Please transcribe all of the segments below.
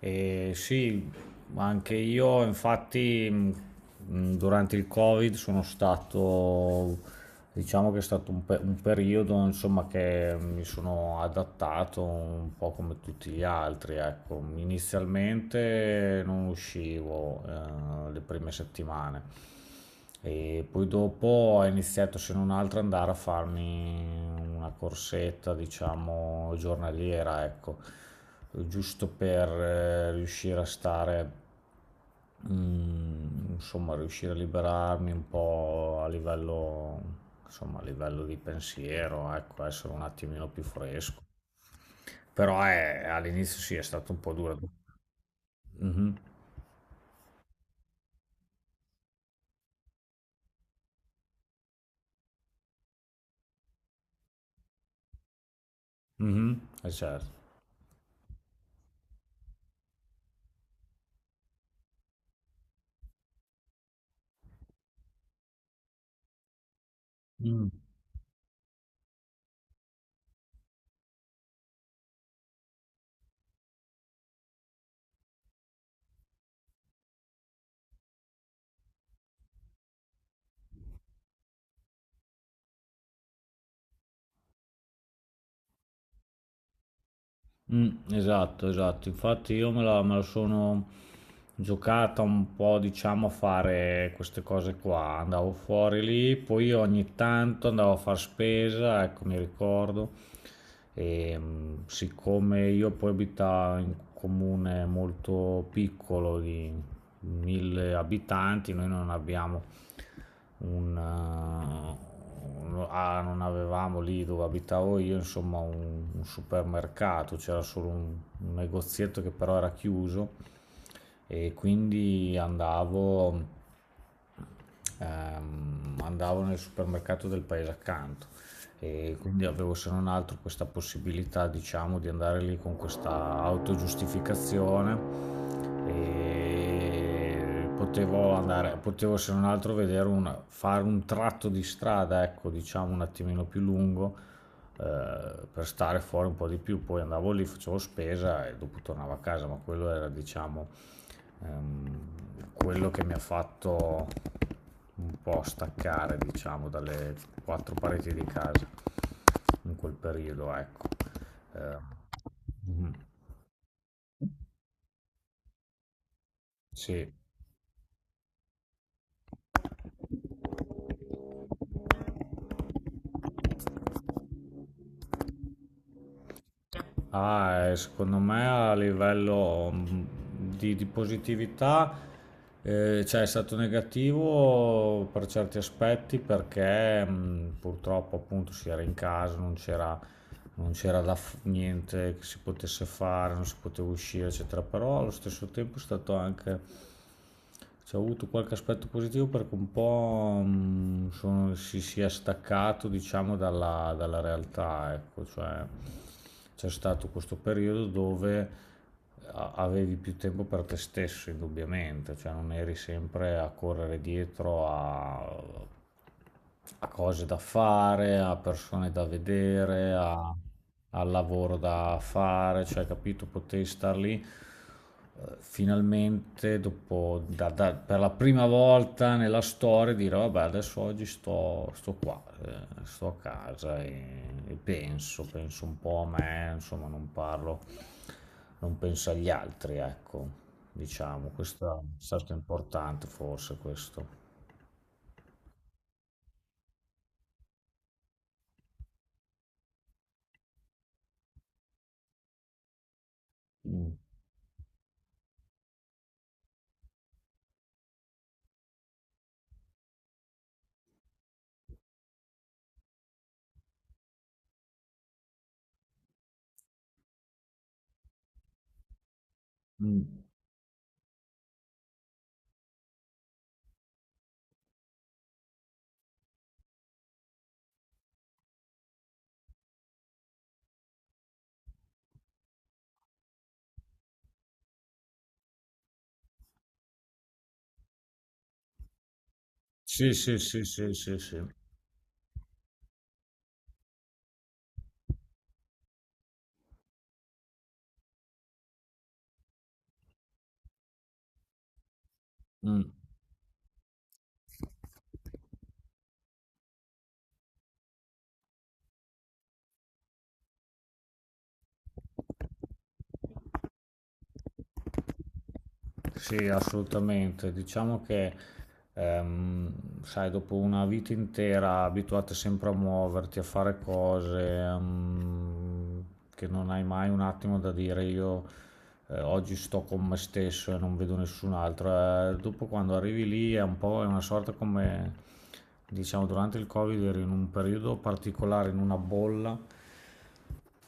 Sì, anche io, infatti, durante il Covid sono stato, diciamo che è stato un periodo, insomma, che mi sono adattato un po' come tutti gli altri, ecco. Inizialmente non uscivo, le prime settimane. E poi dopo ho iniziato, se non altro, ad andare a farmi una corsetta, diciamo, giornaliera, ecco giusto per riuscire a stare, insomma, riuscire a liberarmi un po' a livello, insomma, a livello di pensiero, ecco, essere un attimino più fresco. Però all'inizio sì, è stato un po' duro. Mhm, mhm, certo. Mm, esatto, esatto. Infatti io me la sono giocata un po', diciamo, a fare queste cose qua. Andavo fuori lì, poi ogni tanto andavo a far spesa, ecco, mi ricordo. E, siccome io poi abitavo in un comune molto piccolo di 1.000 abitanti, noi non abbiamo un, eh, non avevamo lì dove abitavo io, insomma, un supermercato, c'era solo un negozietto che però era chiuso e quindi andavo nel supermercato del paese accanto, e quindi avevo, se non altro, questa possibilità, diciamo, di andare lì con questa autogiustificazione, e potevo andare, potevo se non altro vedere, fare un tratto di strada, ecco, diciamo, un attimino più lungo per stare fuori un po' di più. Poi andavo lì, facevo spesa e dopo tornavo a casa, ma quello era, diciamo, Ehm, quello che mi ha fatto un po' staccare, diciamo, dalle quattro pareti di casa in quel periodo, ecco. Ehm, mhm, sì. Ah, secondo me a livello di, positività, cioè è stato negativo per certi aspetti perché purtroppo, appunto, si era in casa, non c'era niente che si potesse fare, non si poteva uscire, eccetera, però allo stesso tempo è stato anche, c'è avuto qualche aspetto positivo, perché un po' si è staccato, diciamo, dalla realtà, ecco, cioè c'è stato questo periodo dove avevi più tempo per te stesso, indubbiamente, cioè non eri sempre a correre dietro a cose da fare, a persone da vedere, al lavoro da fare, cioè, capito, potevi star lì finalmente, dopo, per la prima volta nella storia, dire, vabbè, adesso oggi sto qua, sto a casa e penso un po' a me, insomma, non parlo, non penso agli altri, ecco, diciamo, questo è stato importante, forse, questo. Mm. Mm. Sì, sì, sì, sì, sì, sì. Mm. Sì, assolutamente. Diciamo che, ehm, sai, dopo una vita intera abituata sempre a muoverti, a fare cose, che non hai mai un attimo da dire: io, oggi, sto con me stesso e non vedo nessun altro. Dopo, quando arrivi lì, è un po', è una sorta come, diciamo, durante il Covid ero in un periodo particolare, in una bolla,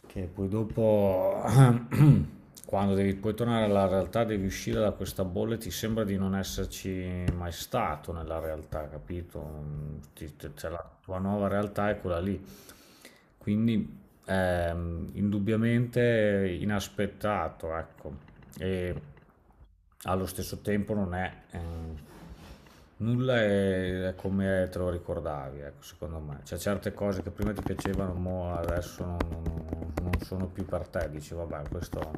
che poi dopo, quando devi poi tornare alla realtà, devi uscire da questa bolla e ti sembra di non esserci mai stato nella realtà, capito? Cioè, la tua nuova realtà è quella lì. Quindi, indubbiamente, inaspettato, ecco, e allo stesso tempo non è, nulla è, come te lo ricordavi, ecco, secondo me. C'è certe cose che prima ti piacevano, mo adesso non sono più per te, dici vabbè, questo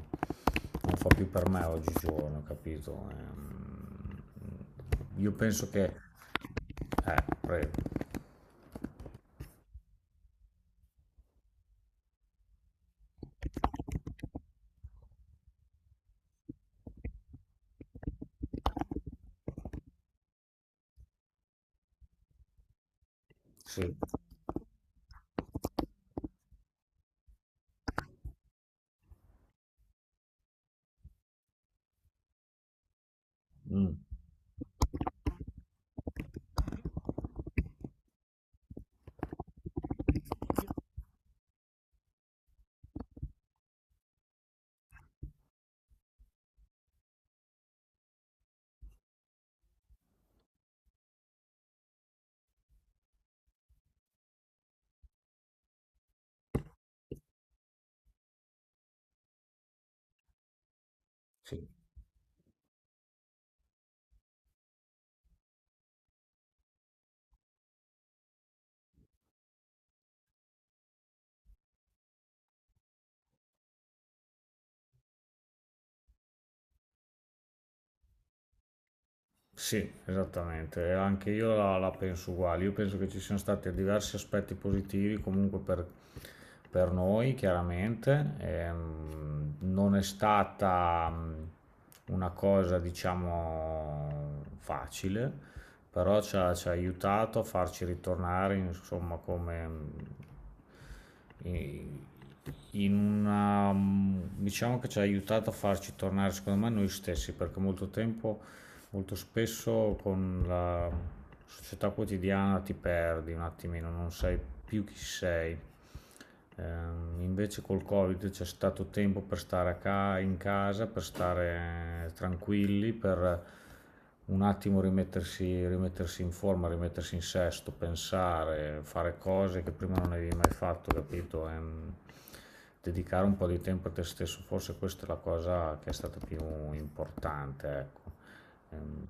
non fa più per me oggigiorno, capito? Io penso che... Prego, sì, mm, sì. Sì, esattamente, e anche io la penso uguale. Io penso che ci siano stati diversi aspetti positivi comunque per noi, chiaramente. Non è stata una cosa, diciamo, facile, però ci ha aiutato a farci ritornare, insomma, come in una... diciamo che ci ha aiutato a farci tornare, secondo me, noi stessi, perché molto spesso con la società quotidiana ti perdi un attimino, non sai più chi sei. Invece col Covid c'è stato tempo per stare in casa, per stare tranquilli, per un attimo rimettersi, rimettersi in forma, rimettersi in sesto, pensare, fare cose che prima non avevi mai fatto, capito? Dedicare un po' di tempo a te stesso, forse questa è la cosa che è stata più importante, ecco. Ehm,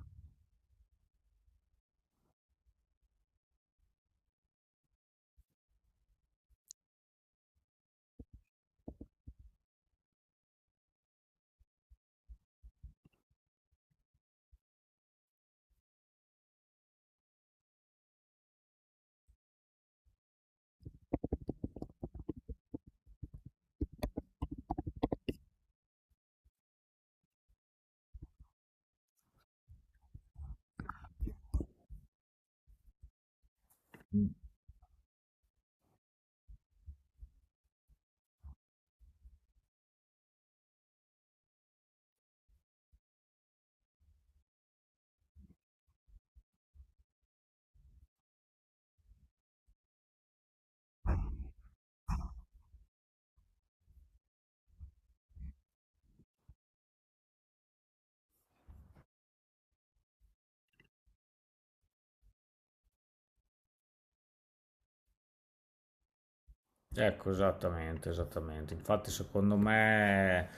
Ecco, esattamente, esattamente. Infatti, secondo me,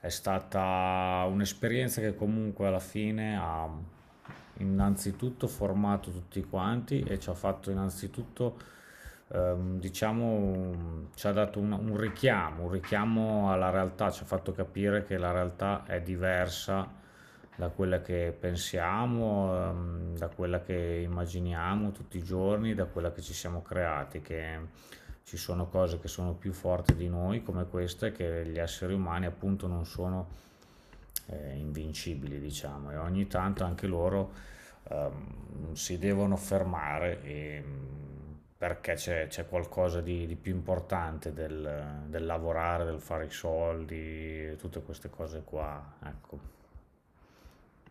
è stata un'esperienza che comunque alla fine ha, innanzitutto, formato tutti quanti, e ci ha fatto, innanzitutto, diciamo, ci ha dato un richiamo, un richiamo, alla realtà, ci ha fatto capire che la realtà è diversa da quella che pensiamo, da quella che immaginiamo tutti i giorni, da quella che ci siamo creati, che ci sono cose che sono più forti di noi, come queste, che gli esseri umani, appunto, non sono invincibili, diciamo, e ogni tanto anche loro, si devono fermare e, perché c'è qualcosa di più importante del lavorare, del fare i soldi, tutte queste cose qua, ecco.